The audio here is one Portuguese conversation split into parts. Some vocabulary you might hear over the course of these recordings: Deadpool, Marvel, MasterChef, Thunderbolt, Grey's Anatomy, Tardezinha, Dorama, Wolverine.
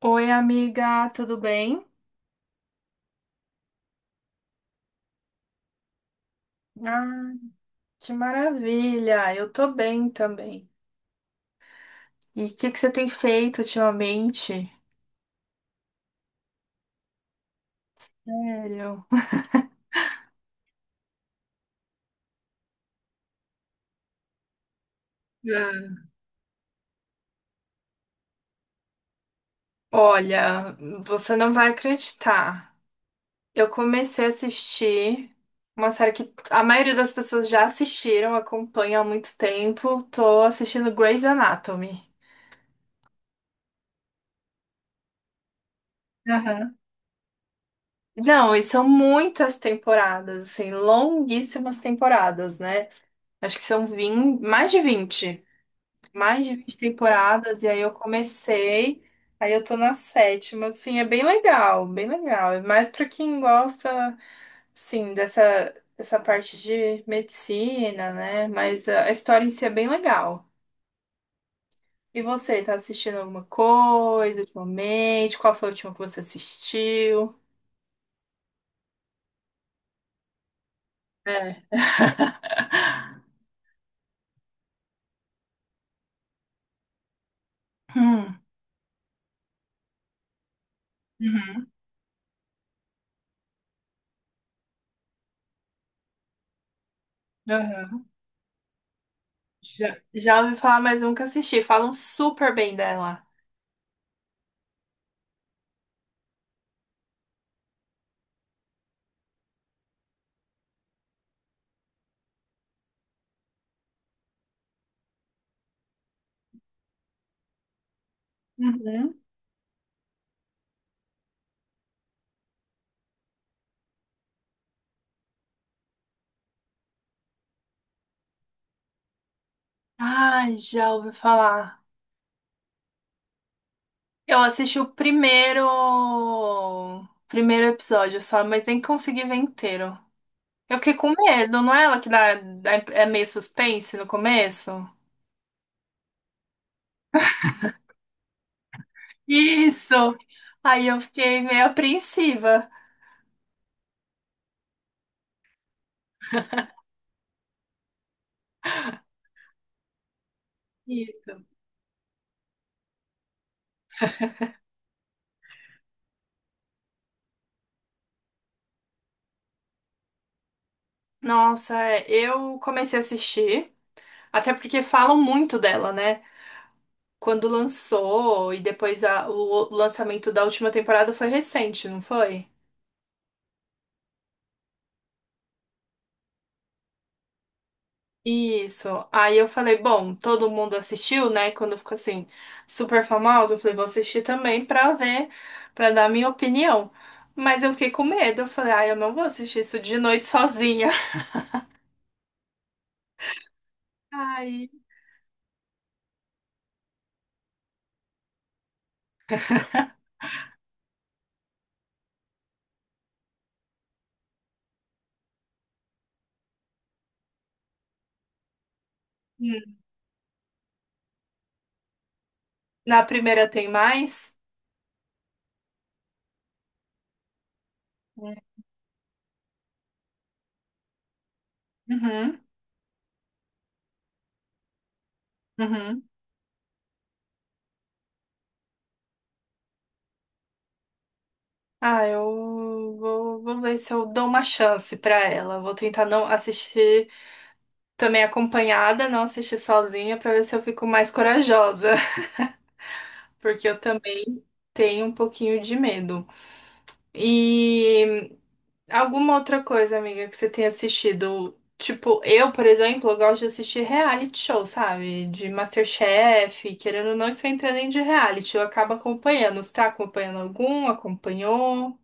Oi, amiga, tudo bem? Ah, que maravilha! Eu tô bem também. E o que que você tem feito ultimamente? Sério? Ah, olha, você não vai acreditar. Eu comecei a assistir uma série que a maioria das pessoas já assistiram, acompanha há muito tempo. Tô assistindo Grey's Anatomy. Aham. Não, e são muitas temporadas, assim, longuíssimas temporadas, né? Acho que são 20, mais de 20. Mais de 20 temporadas, e aí eu comecei, aí eu tô na sétima, assim, é bem legal, bem legal. É mais pra quem gosta, assim, dessa, dessa parte de medicina, né? Mas a história em si é bem legal. E você, tá assistindo alguma coisa ultimamente? Qual foi a última que você assistiu? É. Hum. Uhum. Aham. Já ouvi falar, mas nunca assisti. Falam super bem dela. Uhum. Ai, já ouvi falar. Eu assisti o primeiro, primeiro episódio só, mas nem consegui ver inteiro. Eu fiquei com medo, não é ela que dá, é meio suspense no começo? Isso! Aí eu fiquei meio apreensiva. Isso. Nossa, é, eu comecei a assistir, até porque falam muito dela, né? Quando lançou e depois o lançamento da última temporada foi recente, não foi? Isso. Aí eu falei, bom, todo mundo assistiu, né? Quando ficou assim, super famoso, eu falei, vou assistir também pra ver, pra dar minha opinião. Mas eu fiquei com medo. Eu falei, ah, eu não vou assistir isso de noite sozinha. Aí, hum, na primeira tem mais? Uhum, uhum. Ah, eu vou, vou ver se eu dou uma chance pra ela. Vou tentar não assistir também acompanhada, não assistir sozinha, pra ver se eu fico mais corajosa. Porque eu também tenho um pouquinho de medo. E alguma outra coisa, amiga, que você tenha assistido? Tipo, eu, por exemplo, eu gosto de assistir reality show, sabe? De MasterChef, querendo ou não, isso entra nem de reality. Eu acabo acompanhando. Você tá acompanhando algum? Acompanhou?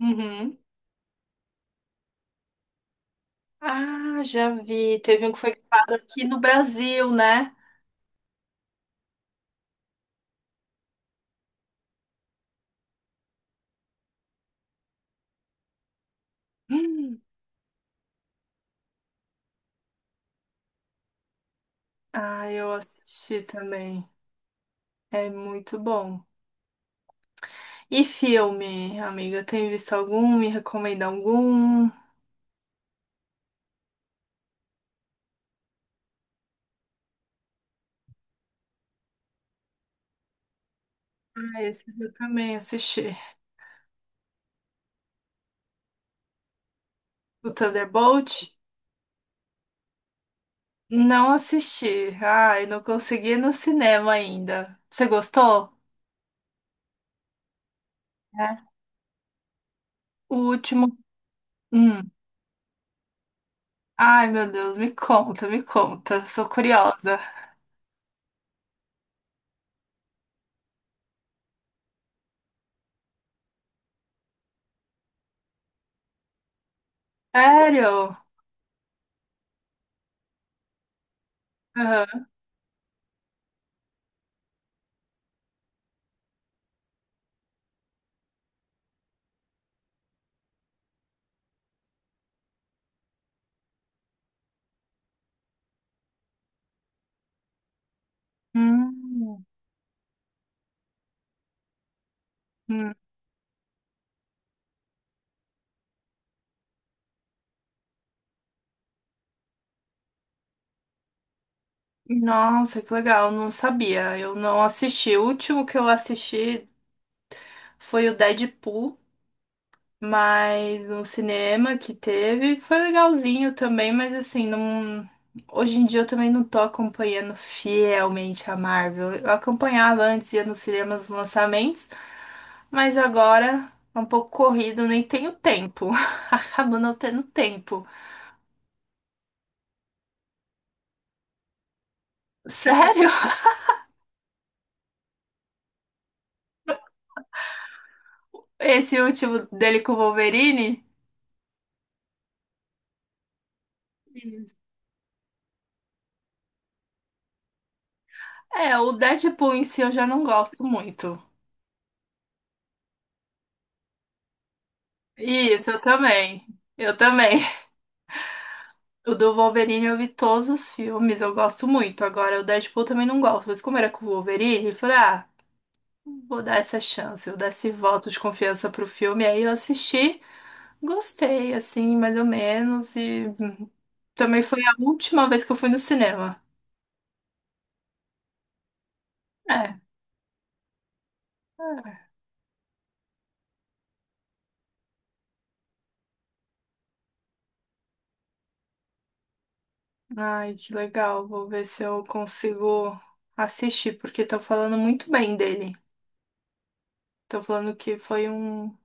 Uhum. Ah, já vi. Teve um que foi gravado aqui no Brasil, né? Hum. Ah, eu assisti também. É muito bom. E filme, amiga, tem visto algum? Me recomenda algum? Ah, esse eu também assisti. O Thunderbolt? Não assisti. Ai, não consegui ir no cinema ainda. Você gostou? Né? O último. Hum. Ai, meu Deus, me conta, me conta. Sou curiosa. Sério? Aham. Hum, hum. Nossa, que legal, não sabia. Eu não assisti. O último que eu assisti foi o Deadpool. Mas no cinema que teve foi legalzinho também, mas assim, não, hoje em dia eu também não tô acompanhando fielmente a Marvel. Eu acompanhava antes, ia nos cinemas os lançamentos, mas agora é um pouco corrido, nem tenho tempo. Acabo não tendo tempo. Sério? Esse último dele com o Wolverine? É, o Deadpool em si eu já não gosto muito. Isso, eu também. Eu também. O do Wolverine eu vi todos os filmes, eu gosto muito. Agora, o Deadpool eu também não gosto, mas como era com o Wolverine, eu falei, ah, vou dar essa chance, vou dar esse voto de confiança pro filme. Aí eu assisti, gostei, assim, mais ou menos, e também foi a última vez que eu fui no cinema. É. É. Ai, que legal. Vou ver se eu consigo assistir, porque estão falando muito bem dele. Estão falando que foi um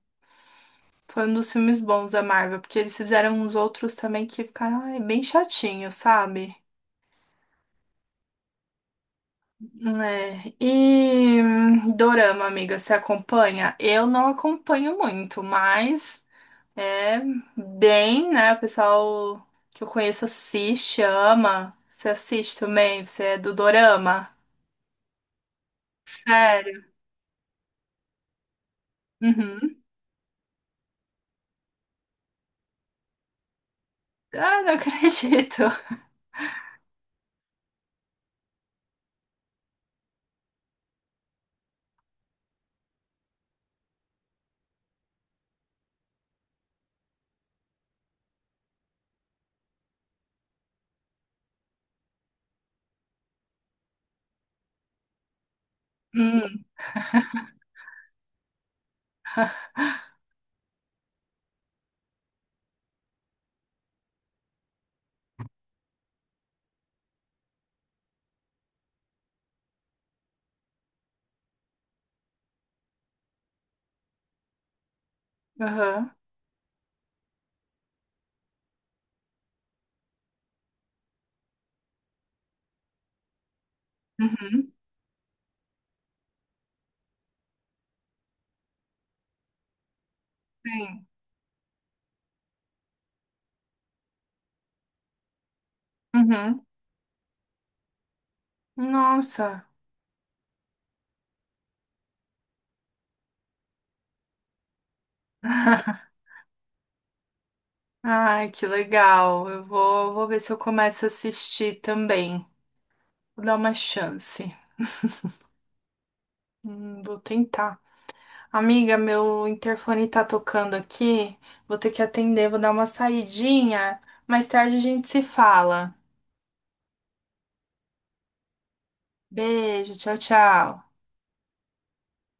foi um dos filmes bons da Marvel, porque eles fizeram uns outros também que ficaram ai, bem chatinhos, sabe? Né? E Dorama, amiga, você acompanha? Eu não acompanho muito, mas é bem, né? O pessoal que eu conheço assiste, ama. Você assiste também? Você é do Dorama? Sério? Uhum. Ah, não acredito. Hum. Aham. Uhum. Sim. Uhum. Nossa. Ai, que legal. Eu vou, vou ver se eu começo a assistir também. Vou dar uma chance. Vou tentar. Amiga, meu interfone tá tocando aqui. Vou ter que atender, vou dar uma saidinha. Mais tarde a gente se fala. Beijo, tchau, tchau.